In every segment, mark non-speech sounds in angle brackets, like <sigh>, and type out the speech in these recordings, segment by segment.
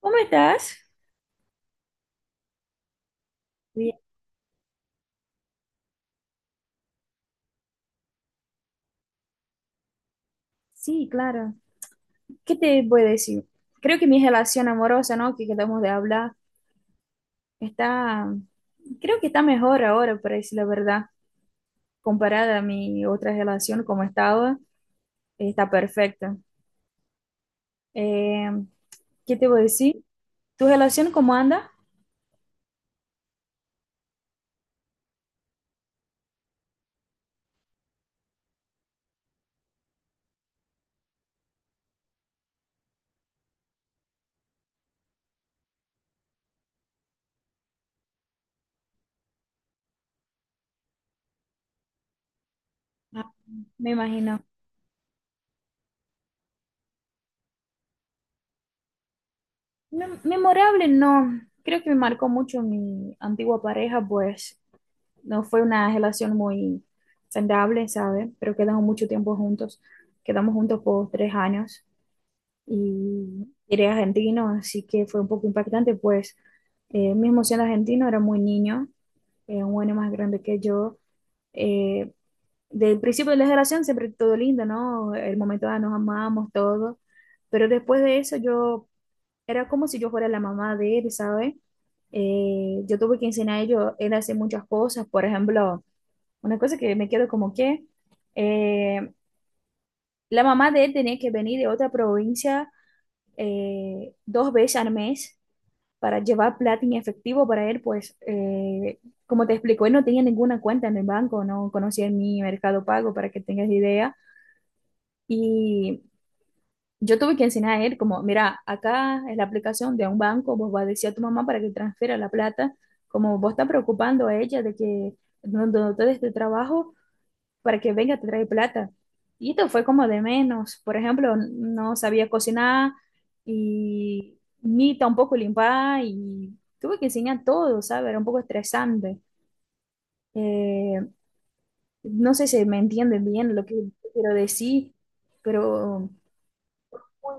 ¿Cómo estás? Bien, sí, claro. ¿Qué te voy a decir? Creo que mi relación amorosa, ¿no? Que quedamos de hablar, está, creo que está mejor ahora, para decir la verdad, comparada a mi otra relación, como estaba, está perfecta. Eh, ¿Qué te voy a decir? ¿Tu relación cómo anda? Ah, me imagino. Memorable, no. Creo que me marcó mucho mi antigua pareja, pues no fue una relación muy saludable, ¿sabes? Pero quedamos mucho tiempo juntos. Quedamos juntos por tres años y era argentino, así que fue un poco impactante, pues mismo siendo argentino, era muy niño, un año más grande que yo. Eh, Del principio de la relación siempre todo lindo, ¿no? El momento ah, nos amamos, todo. Pero después de eso yo era como si yo fuera la mamá de él, ¿sabes? Yo tuve que enseñar a ellos, él a hacer muchas cosas, por ejemplo una cosa que me quedo como que eh, la mamá de él tenía que venir de otra provincia dos veces al mes para llevar plata en efectivo para él, pues como te explico, él no tenía ninguna cuenta en el banco, no conocía ni Mercado Pago para que tengas idea. Y yo tuve que enseñar a él como, mira, acá es la aplicación de un banco, vos vas a decir a tu mamá para que transfiera la plata, como vos estás preocupando a ella de que no, no te des tu trabajo para que venga, te trae plata. Y esto fue como de menos. Por ejemplo, no sabía cocinar y ni tampoco limpar y tuve que enseñar todo, ¿sabes? Era un poco estresante. Eh, no sé si me entienden bien lo que quiero decir, pero muy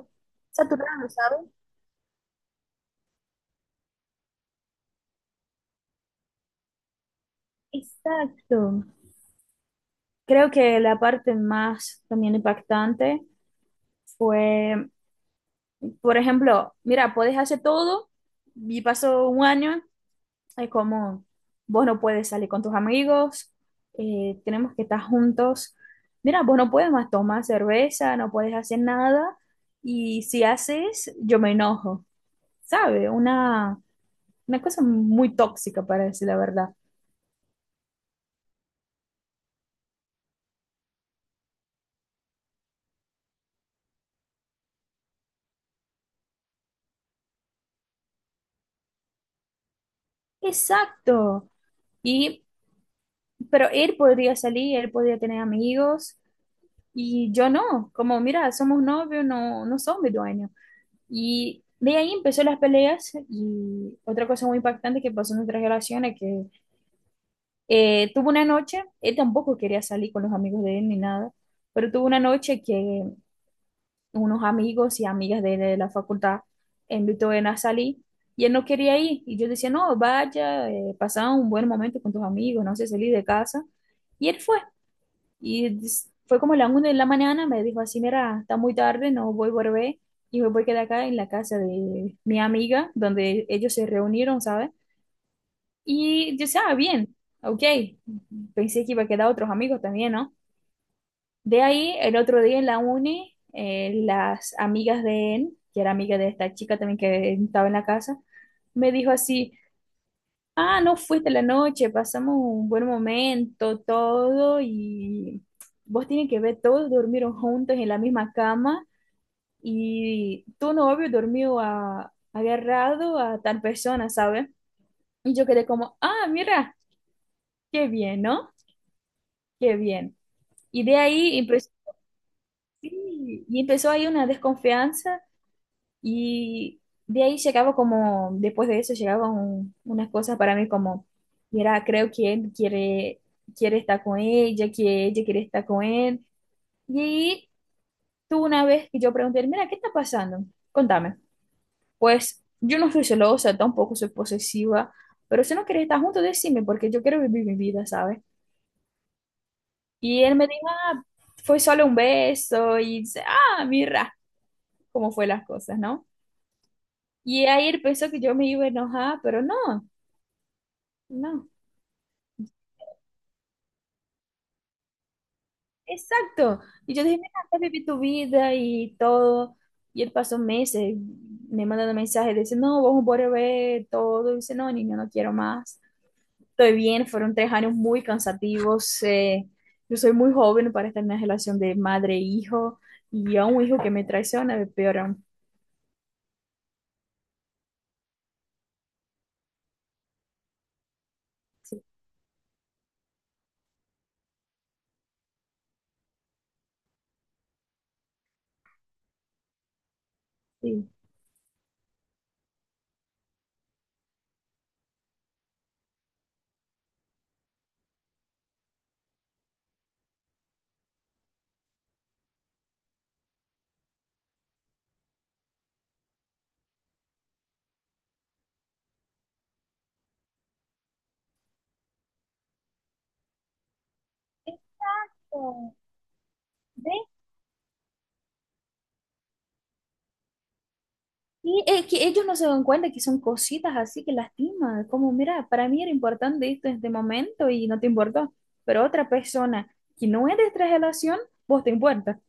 saturado, ¿sabes? Exacto. Creo que la parte más también impactante fue, por ejemplo, mira, puedes hacer todo y pasó un año. Es como, vos no puedes salir con tus amigos, tenemos que estar juntos. Mira, vos no puedes más tomar cerveza, no puedes hacer nada, y si haces, yo me enojo, ¿sabe? Una cosa muy tóxica, para decir la verdad. Exacto. Y, pero él podría salir, él podría tener amigos, y yo no. Como, mira, somos novios, no, no sos mi dueño. Y de ahí empezó las peleas y otra cosa muy impactante que pasó en nuestras relaciones, que tuvo una noche, él tampoco quería salir con los amigos de él ni nada, pero tuvo una noche que unos amigos y amigas de la facultad invitó a él a salir y él no quería ir. Y yo decía, no, vaya, pasa un buen momento con tus amigos, no sé, salir de casa. Y él fue. Y fue como la 1 de la mañana, me dijo así, mira, está muy tarde, no voy a volver y me voy a quedar acá en la casa de mi amiga, donde ellos se reunieron, ¿sabes? Y yo decía, ah, bien, ok, pensé que iba a quedar otros amigos también, ¿no? De ahí, el otro día en la uni, las amigas de él, que era amiga de esta chica también que estaba en la casa, me dijo así, ah, no fuiste la noche, pasamos un buen momento, todo, y vos tienen que ver, todos durmieron juntos en la misma cama y tu novio durmió agarrado a tal persona, ¿sabes? Y yo quedé como, ah, mira, qué bien, ¿no? Qué bien. Y de ahí empezó, sí, y empezó ahí una desconfianza. Y de ahí llegaba como, después de eso llegaban unas cosas para mí como, mira, creo que él quiere estar con ella, que ella quiere estar con él. Y ahí tú una vez que yo pregunté, mira, ¿qué está pasando? Contame. Pues yo no soy celosa, tampoco soy posesiva, pero si no quieres estar juntos, decime, porque yo quiero vivir mi vida, ¿sabes? Y él me dijo, ah, fue solo un beso, y dice, ah, mira, cómo fue las cosas, ¿no? Y ahí él pensó que yo me iba a enojar, pero no. No, exacto. Y yo dije, mira, estás viviendo tu vida y todo. Y él pasó meses, me mandando mensajes, dice, no, vamos a volver todo. Y dice, no, niño, no quiero más. Estoy bien, fueron tres años muy cansativos. Yo soy muy joven para estar en una relación de madre e hijo. Y a un hijo que me traiciona, peor aún. Sí, sí. Exacto. ¿Ves? Y es que ellos no se dan cuenta que son cositas así que lastiman, como mira, para mí era importante esto en este momento y no te importó, pero otra persona que no es de esta relación, vos te importa.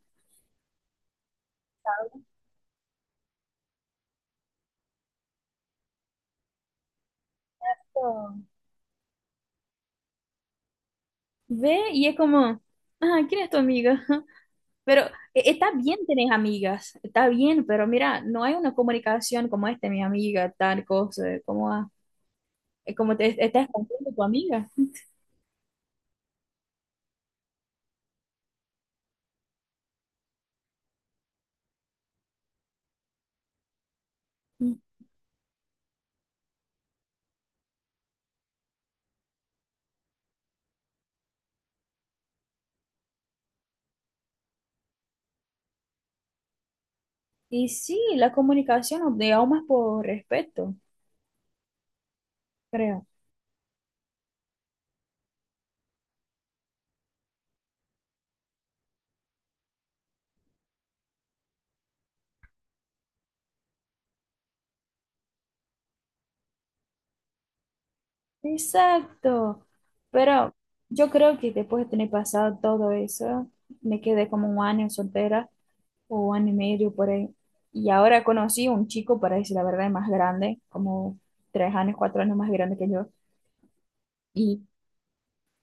Oh. Ve y es como, ah, ¿quién es tu amiga? <laughs> Pero está bien tener amigas, está bien, pero mira, no hay una comunicación como este, mi amiga, tal cosa, como, ah, como te estás contando tu amiga. Mm. Y sí, la comunicación, digamos, más por respeto, creo. Exacto. Pero yo creo que después de tener pasado todo eso, me quedé como un año soltera o un año y medio por ahí. Y ahora conocí un chico, para decir la verdad, más grande, como tres años, cuatro años más grande que yo. ¿Y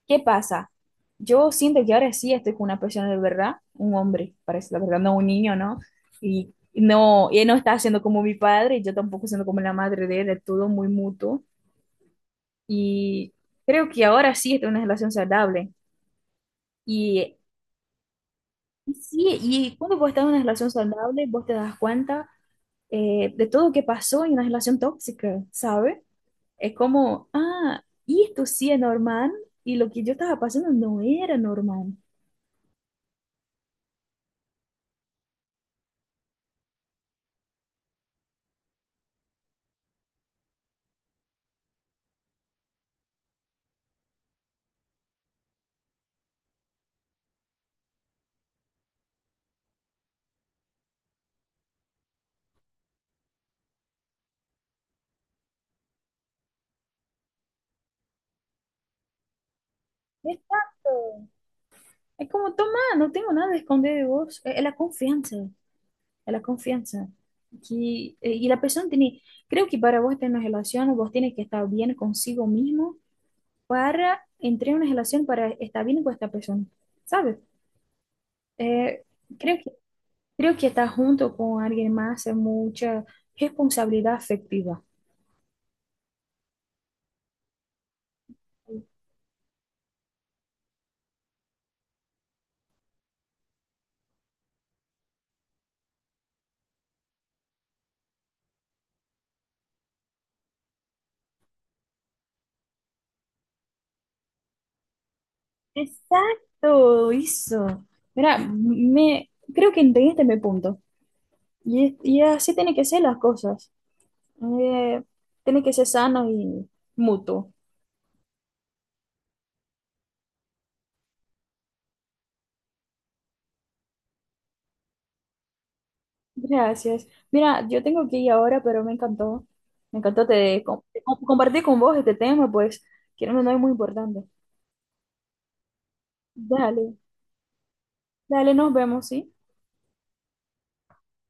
qué pasa? Yo siento que ahora sí estoy con una persona de verdad, un hombre, para decir la verdad, no un niño, ¿no? Y no, y él no está siendo como mi padre, y yo tampoco siendo como la madre de él, es todo muy mutuo. Y creo que ahora sí estoy en una relación saludable. Y y sí, y cuando vos estás en una relación saludable, vos te das cuenta de todo lo que pasó en una relación tóxica, ¿sabes? Es como, ah, y esto sí es normal y lo que yo estaba pasando no era normal. Exacto. Es como, toma, no tengo nada de esconder de vos. Es la confianza, es la confianza. Que, y la persona tiene, creo que para vos estar en una relación, vos tienes que estar bien consigo mismo para entrar en una relación para estar bien con esta persona, ¿sabes? Eh, creo que, creo que estar junto con alguien más es mucha responsabilidad afectiva. Exacto, eso. Mira, me, creo que entendiste mi punto. Y así tiene que ser las cosas. Eh, Tiene que ser sano y mutuo. Gracias. Mira, yo tengo que ir ahora, pero me encantó. Me encantó compartir con vos este tema, pues, que no es muy importante. Dale, dale, nos vemos, ¿sí?